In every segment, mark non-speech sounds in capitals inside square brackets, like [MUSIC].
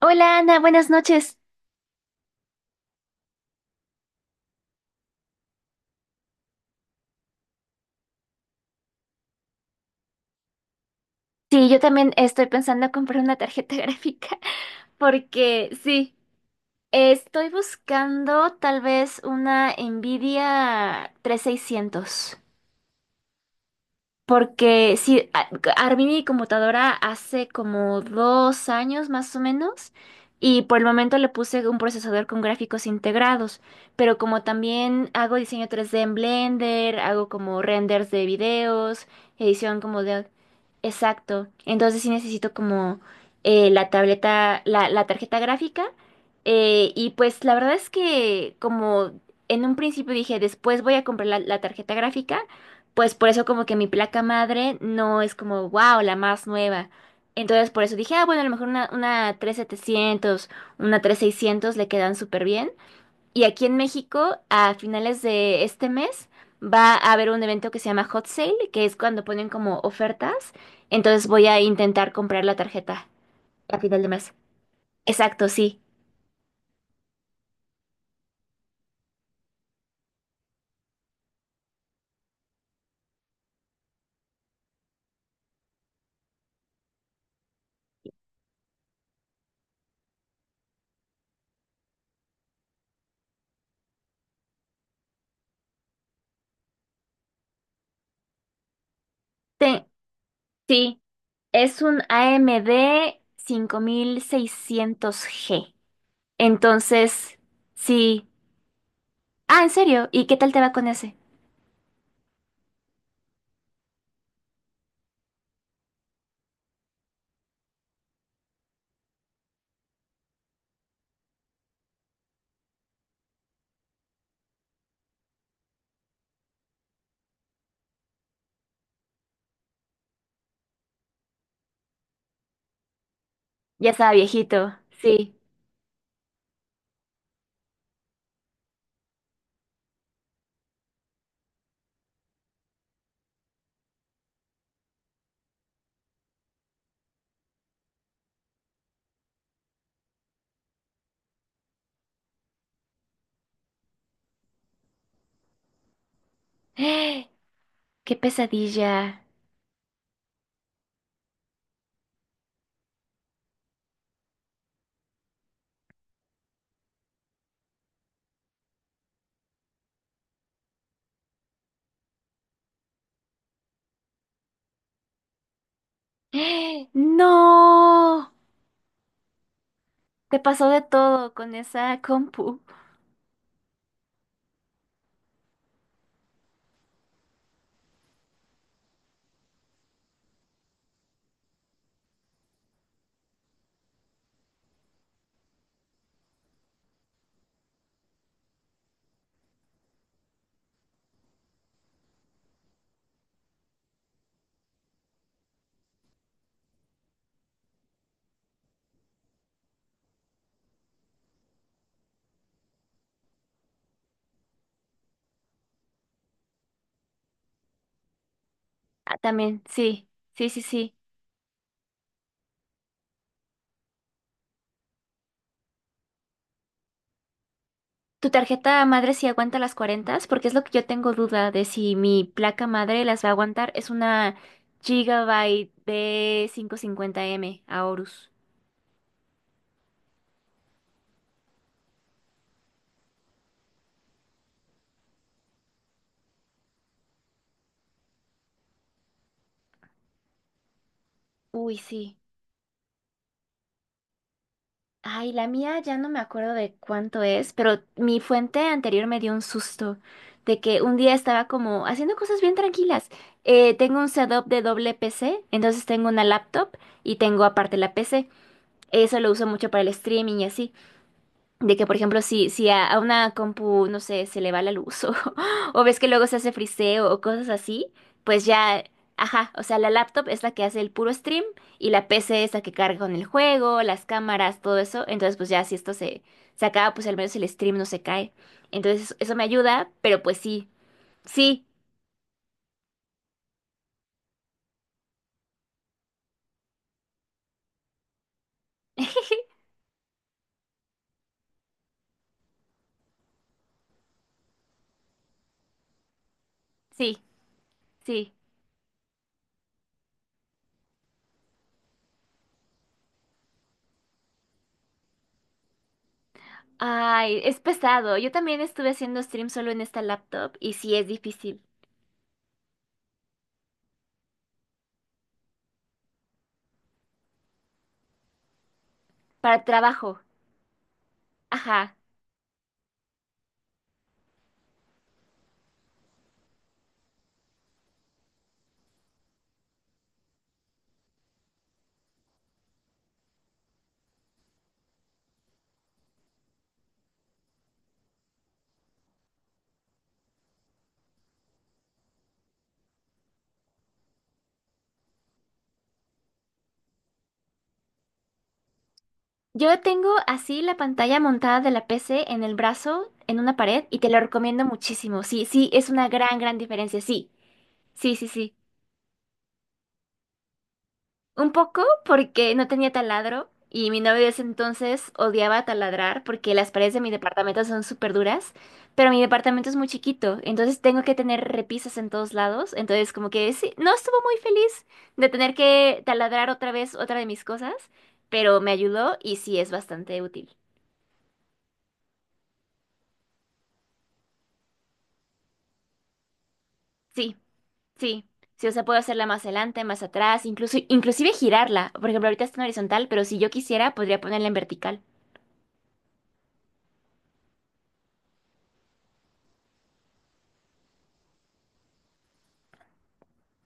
Hola Ana, buenas noches. Sí, yo también estoy pensando en comprar una tarjeta [LAUGHS] gráfica porque sí, estoy buscando tal vez una Nvidia 3600. Porque sí, armé mi computadora hace como 2 años más o menos y por el momento le puse un procesador con gráficos integrados, pero como también hago diseño 3D en Blender, hago como renders de videos, edición como de... Exacto, entonces sí necesito como la tableta, la tarjeta gráfica y pues la verdad es que como en un principio dije después voy a comprar la tarjeta gráfica, pues por eso como que mi placa madre no es como, wow, la más nueva. Entonces por eso dije, ah, bueno, a lo mejor una 3700, una 3600 le quedan súper bien. Y aquí en México, a finales de este mes, va a haber un evento que se llama Hot Sale, que es cuando ponen como ofertas. Entonces voy a intentar comprar la tarjeta a final de mes. Exacto, sí. Te- sí, es un AMD 600G. Entonces... Sí. Ah, ¿en serio? ¿Y qué tal te va con ese? Ya estaba viejito, sí. [GASPS] ¡Eh! ¡Qué pesadilla! [GASPS] ¡Eh! ¡No! Te pasó de todo con esa compu. Ah, también, sí, sí, sí, sí. ¿Tu tarjeta madre sí aguanta las 40? Porque es lo que yo tengo duda de si mi placa madre las va a aguantar. Es una Gigabyte b 550M Aorus. Uy, sí. Ay, la mía ya no me acuerdo de cuánto es, pero mi fuente anterior me dio un susto de que un día estaba como haciendo cosas bien tranquilas. Tengo un setup de doble PC, entonces tengo una laptop y tengo aparte la PC. Eso lo uso mucho para el streaming y así. De que, por ejemplo, si a una compu, no sé, se le va la luz o, [LAUGHS] o ves que luego se hace friseo o cosas así, pues ya, ajá, o sea, la laptop es la que hace el puro stream y la PC es la que carga con el juego, las cámaras, todo eso. Entonces, pues ya si esto se acaba, pues al menos el stream no se cae. Entonces, eso me ayuda, pero pues sí, sí, [LAUGHS] sí, sí. Ay, es pesado. Yo también estuve haciendo stream solo en esta laptop y sí es difícil. Para trabajo, ajá. Yo tengo así la pantalla montada de la PC en el brazo, en una pared, y te lo recomiendo muchísimo. Sí, sí, es una gran, gran diferencia. Sí, sí, sí, sí. Un poco porque no tenía taladro y mi novio de ese entonces odiaba taladrar porque las paredes de mi departamento son súper duras, pero mi departamento es muy chiquito, entonces tengo que tener repisas en todos lados. Entonces, como que sí, no estuvo muy feliz de tener que taladrar otra vez otra de mis cosas, pero me ayudó y sí es bastante útil. Sí. Sí, sí, o sea, puedo hacerla más adelante, más atrás, incluso, inclusive girarla. Por ejemplo, ahorita está en horizontal, pero si yo quisiera, podría ponerla en vertical.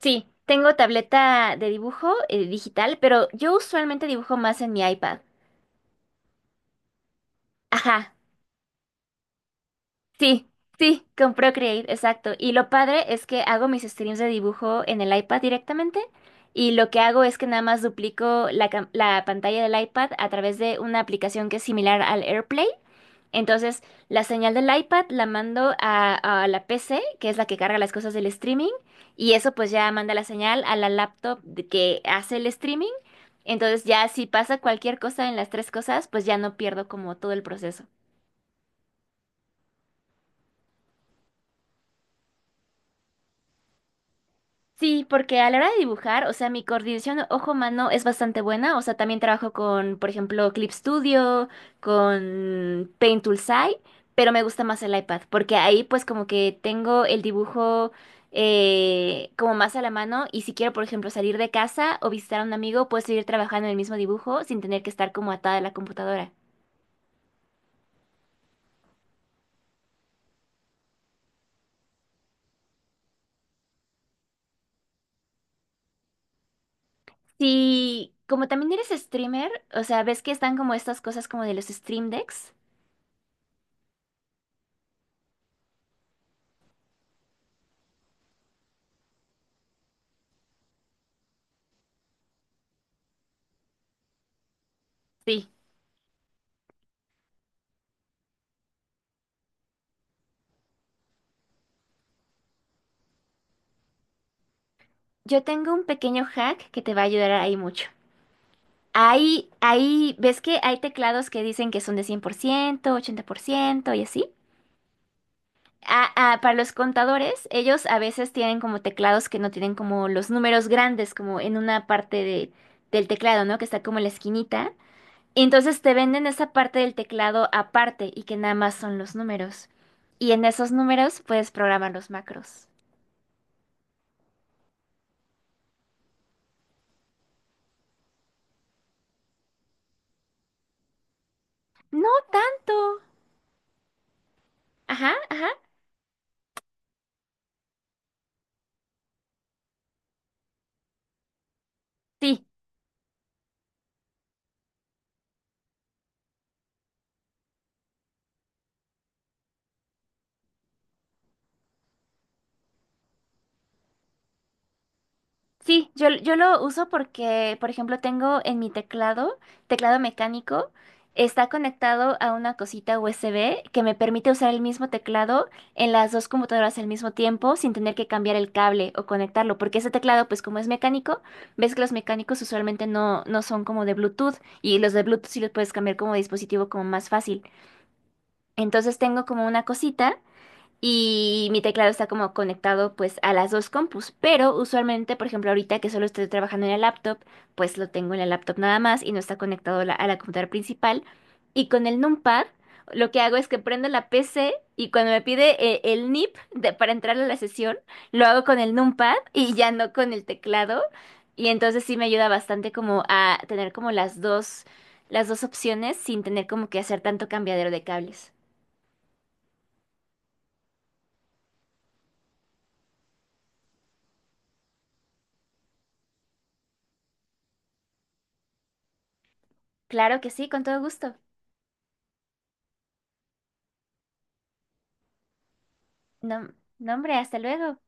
Sí, tengo tableta de dibujo digital, pero yo usualmente dibujo más en mi iPad. Ajá, sí, sí, con Procreate, exacto. Y lo padre es que hago mis streams de dibujo en el iPad directamente. Y lo que hago es que nada más duplico la la pantalla del iPad a través de una aplicación que es similar al AirPlay. Entonces, la señal del iPad la mando a la PC, que es la que carga las cosas del streaming, y eso pues ya manda la señal a la laptop de que hace el streaming. Entonces, ya si pasa cualquier cosa en las tres cosas, pues ya no pierdo como todo el proceso. Sí, porque a la hora de dibujar, o sea, mi coordinación ojo-mano es bastante buena. O sea, también trabajo con, por ejemplo, Clip Studio, con Paint Toolside, pero me gusta más el iPad, porque ahí pues como que tengo el dibujo como más a la mano y si quiero, por ejemplo, salir de casa o visitar a un amigo, puedo seguir trabajando en el mismo dibujo sin tener que estar como atada a la computadora. Sí, como también eres streamer, o sea, ves que están como estas cosas como de los stream decks. Sí. Yo tengo un pequeño hack que te va a ayudar ahí mucho. Ahí, ahí, ¿ves que hay teclados que dicen que son de 100%, 80% y así? Ah, ah, para los contadores, ellos a veces tienen como teclados que no tienen como los números grandes, como en una parte del teclado, ¿no? Que está como en la esquinita. Y entonces te venden esa parte del teclado aparte y que nada más son los números. Y en esos números puedes programar los macros. No tanto. Ajá, ajá. Sí. Sí, yo lo uso porque, por ejemplo, tengo en mi teclado, teclado mecánico, está conectado a una cosita USB que me permite usar el mismo teclado en las dos computadoras al mismo tiempo sin tener que cambiar el cable o conectarlo, porque ese teclado, pues como es mecánico, ves que los mecánicos usualmente no, no son como de Bluetooth y los de Bluetooth sí los puedes cambiar como dispositivo como más fácil. Entonces tengo como una cosita. Y mi teclado está como conectado pues a las dos compus, pero usualmente, por ejemplo, ahorita que solo estoy trabajando en la laptop, pues lo tengo en la laptop nada más y no está conectado a la computadora principal. Y con el numpad, lo que hago es que prendo la PC y cuando me pide el NIP para entrar a la sesión, lo hago con el numpad y ya no con el teclado. Y entonces sí me ayuda bastante como a tener como las dos opciones sin tener como que hacer tanto cambiadero de cables. Claro que sí, con todo gusto. No, no, hombre, hasta luego.